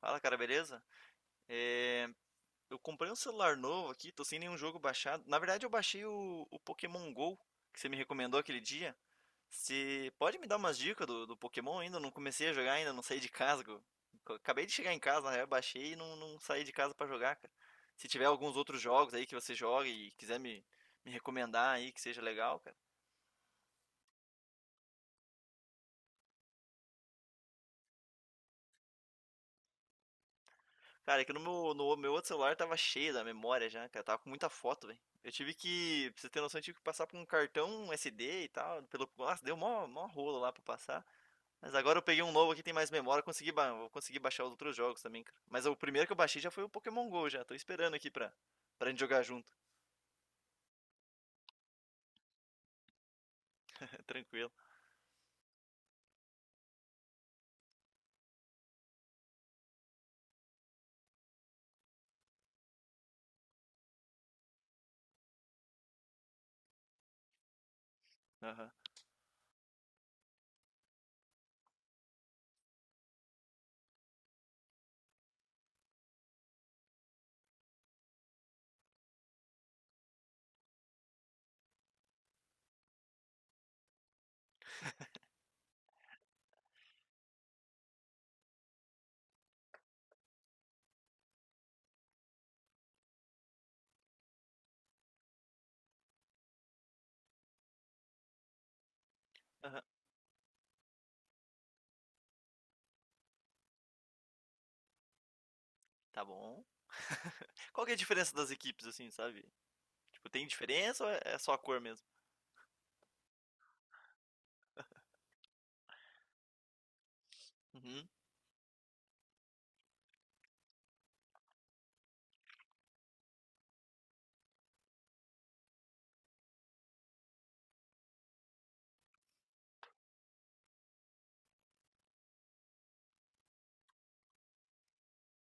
Fala, cara, beleza? É, eu comprei um celular novo aqui, tô sem nenhum jogo baixado. Na verdade, eu baixei o Pokémon Go, que você me recomendou aquele dia. Você pode me dar umas dicas do Pokémon ainda? Eu não comecei a jogar ainda, não saí de casa. Eu Acabei de chegar em casa, na real, baixei e não saí de casa pra jogar, cara. Se tiver alguns outros jogos aí que você joga e quiser me recomendar aí que seja legal, cara. Cara, aqui no meu outro celular tava cheio da memória já, cara. Tava com muita foto, velho. Eu tive que, pra você ter noção, eu tive que passar por um cartão SD e tal. Pelo, nossa, deu mó rolo lá pra passar. Mas agora eu peguei um novo aqui, tem mais memória. Vou conseguir baixar os outros jogos também, cara. Mas o primeiro que eu baixei já foi o Pokémon GO já. Tô esperando aqui pra gente jogar junto. Tranquilo. Aham. Aham. Tá bom. Qual que é a diferença das equipes, assim, sabe? Tipo, tem diferença ou é só a cor mesmo? Uhum.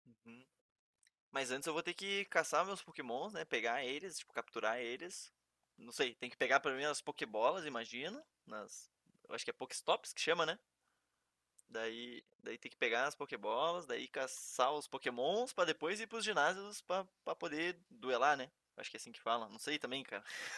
Uhum. Mas antes eu vou ter que caçar meus Pokémons, né? Pegar eles, tipo, capturar eles. Não sei, tem que pegar pra mim as Pokébolas, imagino. Nas... Eu acho que é Pokéstops que chama, né? Daí tem que pegar as Pokébolas, daí caçar os Pokémons pra depois ir pros ginásios pra poder duelar, né? Acho que é assim que fala. Não sei também, cara.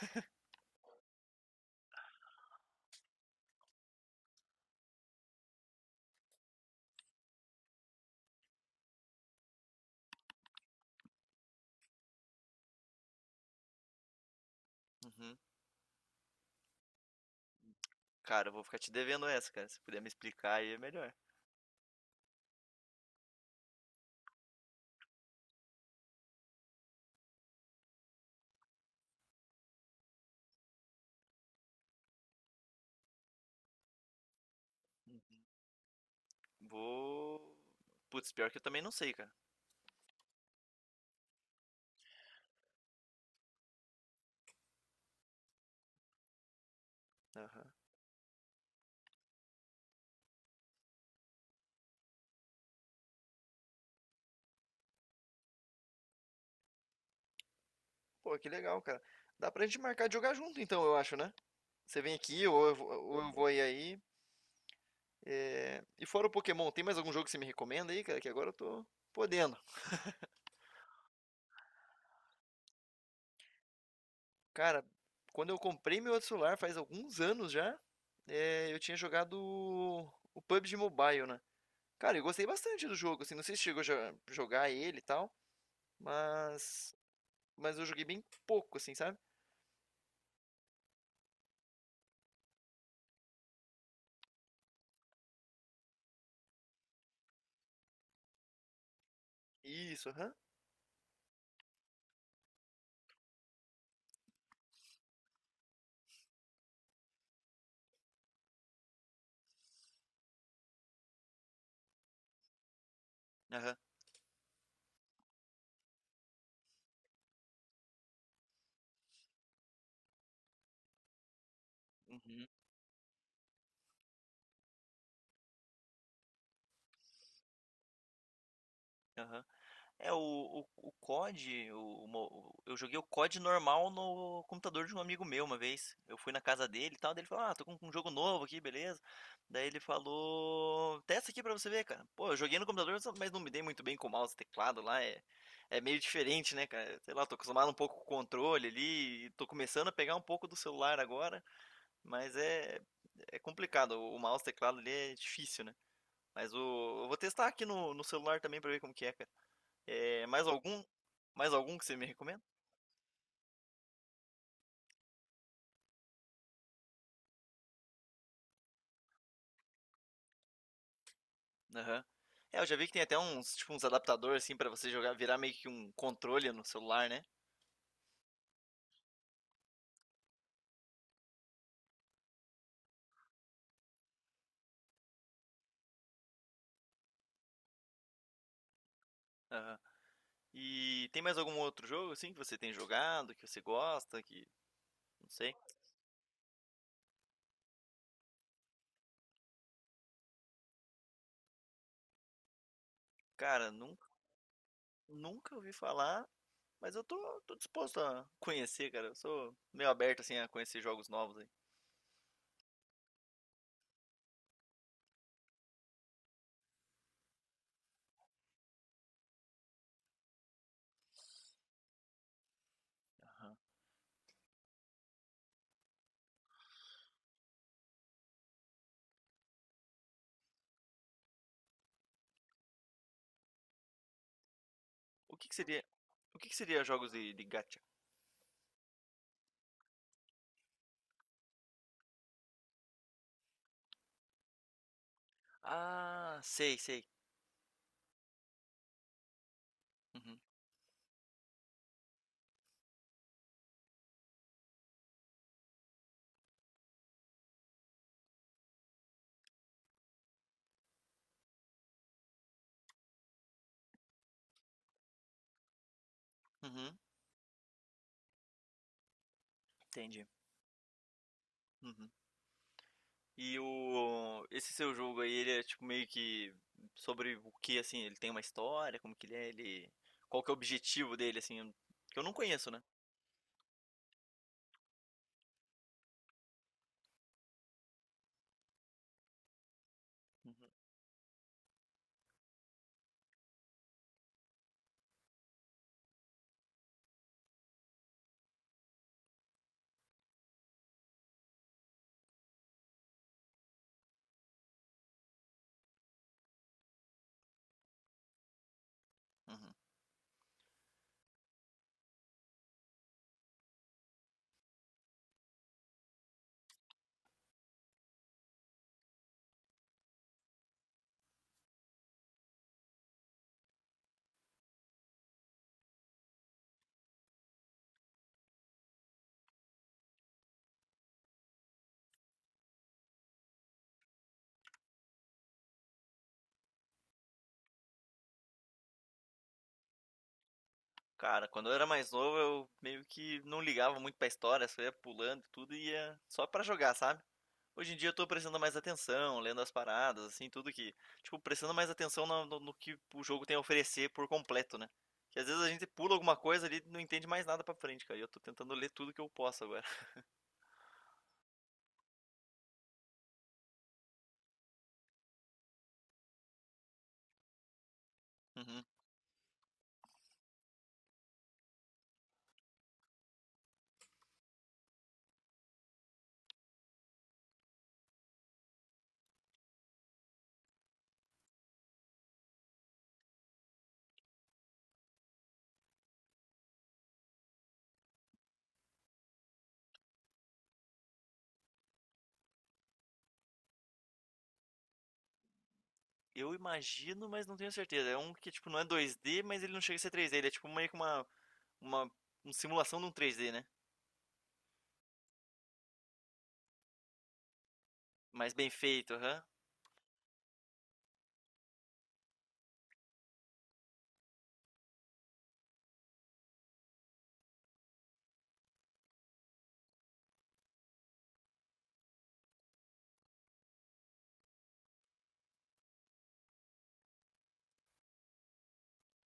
Uhum. Cara, eu vou ficar te devendo essa, cara. Se puder me explicar aí é melhor. Vou. Putz, pior que eu também não sei, cara. Aham. Pô, que legal, cara. Dá pra gente marcar de jogar junto, então, eu acho, né? Você vem aqui ou eu vou ir aí. É, e fora o Pokémon, tem mais algum jogo que você me recomenda aí, cara? Que agora eu tô podendo. Cara, quando eu comprei meu outro celular, faz alguns anos já, eu tinha jogado o PUBG Mobile, né? Cara, eu gostei bastante do jogo, assim, não sei se chegou a jogar ele e tal, mas mas eu joguei bem pouco, assim, sabe? Isso, aham. Aham. Uhum, aham. É, o COD, o, D, o mo- eu joguei o COD normal no computador de um amigo meu uma vez. Eu fui na casa dele e tal, daí ele falou, ah, tô com um jogo novo aqui, beleza. Daí ele falou, testa aqui pra você ver, cara. Pô, eu joguei no computador, mas não me dei muito bem com o mouse e teclado lá, é meio diferente, né, cara? Sei lá, tô acostumado um pouco com o controle ali, e tô começando a pegar um pouco do celular agora, mas é, é complicado, o mouse e teclado ali é difícil, né? Mas o, eu vou testar aqui no, celular também pra ver como que é, cara. É, mais algum? Mais algum que você me recomenda? Aham. É, eu já vi que tem até uns, tipo, uns adaptadores assim pra você jogar, virar meio que um controle no celular, né? Aham. E tem mais algum outro jogo assim que você tem jogado, que você gosta, que não sei? Cara, nunca ouvi falar, mas eu tô disposto a conhecer, cara. Eu sou meio aberto assim a conhecer jogos novos aí. Aham. O que que seria, o que que seria jogos de gacha? Ah, sei, sei. Uhum. Uhum. Entendi. Uhum. E o esse seu jogo aí, ele é tipo meio que sobre o que assim, ele tem uma história, como que ele é, ele qual que é o objetivo dele assim, que eu não conheço, né? Uhum. Uhum. Cara, quando eu era mais novo, eu meio que não ligava muito pra história, só ia pulando e tudo e ia só pra jogar, sabe? Hoje em dia eu tô prestando mais atenção, lendo as paradas, assim, tudo que. Tipo, prestando mais atenção no que o jogo tem a oferecer por completo, né? Que às vezes a gente pula alguma coisa ali e não entende mais nada pra frente, cara. E eu tô tentando ler tudo que eu posso agora. Eu imagino, mas não tenho certeza. É um que, tipo, não é 2D, mas ele não chega a ser 3D. Ele é tipo meio que uma, uma simulação de um 3D, né? Mas bem feito, aham.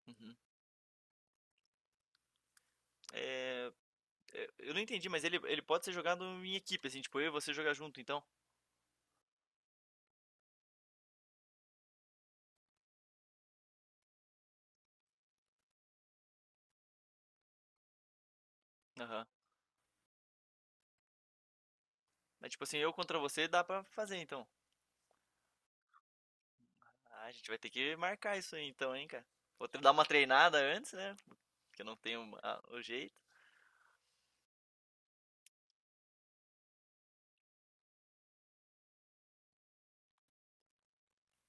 Uhum. É, eu não entendi, mas ele pode ser jogado em equipe, assim, tipo, eu e você jogar junto, então. Aham. Mas tipo assim, eu contra você dá pra fazer, então. Ah, a gente vai ter que marcar isso aí, então, hein, cara. Que dar uma treinada antes, né? Porque eu não tenho o jeito.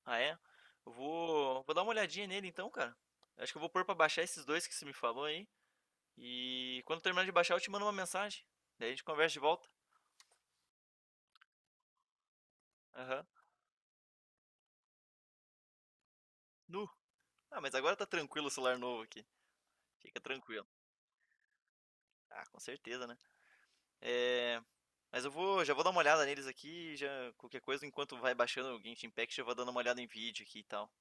Ah, é? Vou dar uma olhadinha nele, então, cara. Acho que eu vou pôr pra baixar esses dois que você me falou aí. E quando terminar de baixar, eu te mando uma mensagem. Daí a gente conversa de volta. Aham. Nu. Ah, mas agora tá tranquilo o celular novo aqui. Fica tranquilo. Ah, com certeza, né? É... Mas já vou dar uma olhada neles aqui, já qualquer coisa, enquanto vai baixando o Genshin Impact, eu vou dando uma olhada em vídeo aqui e tal,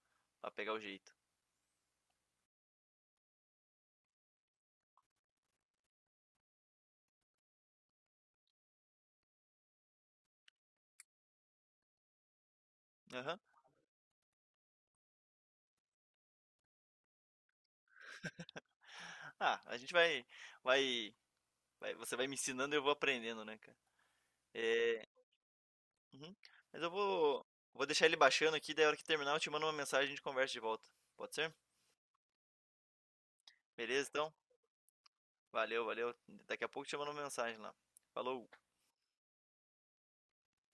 pra pegar o jeito. Aham. Ah, a gente vai, você vai me ensinando e eu vou aprendendo, né, cara? É... uhum. Mas vou deixar ele baixando aqui, daí a hora que terminar eu te mando uma mensagem e a gente conversa de volta. Pode ser? Beleza, então? Valeu, valeu. Daqui a pouco te mando mensagem lá. Falou!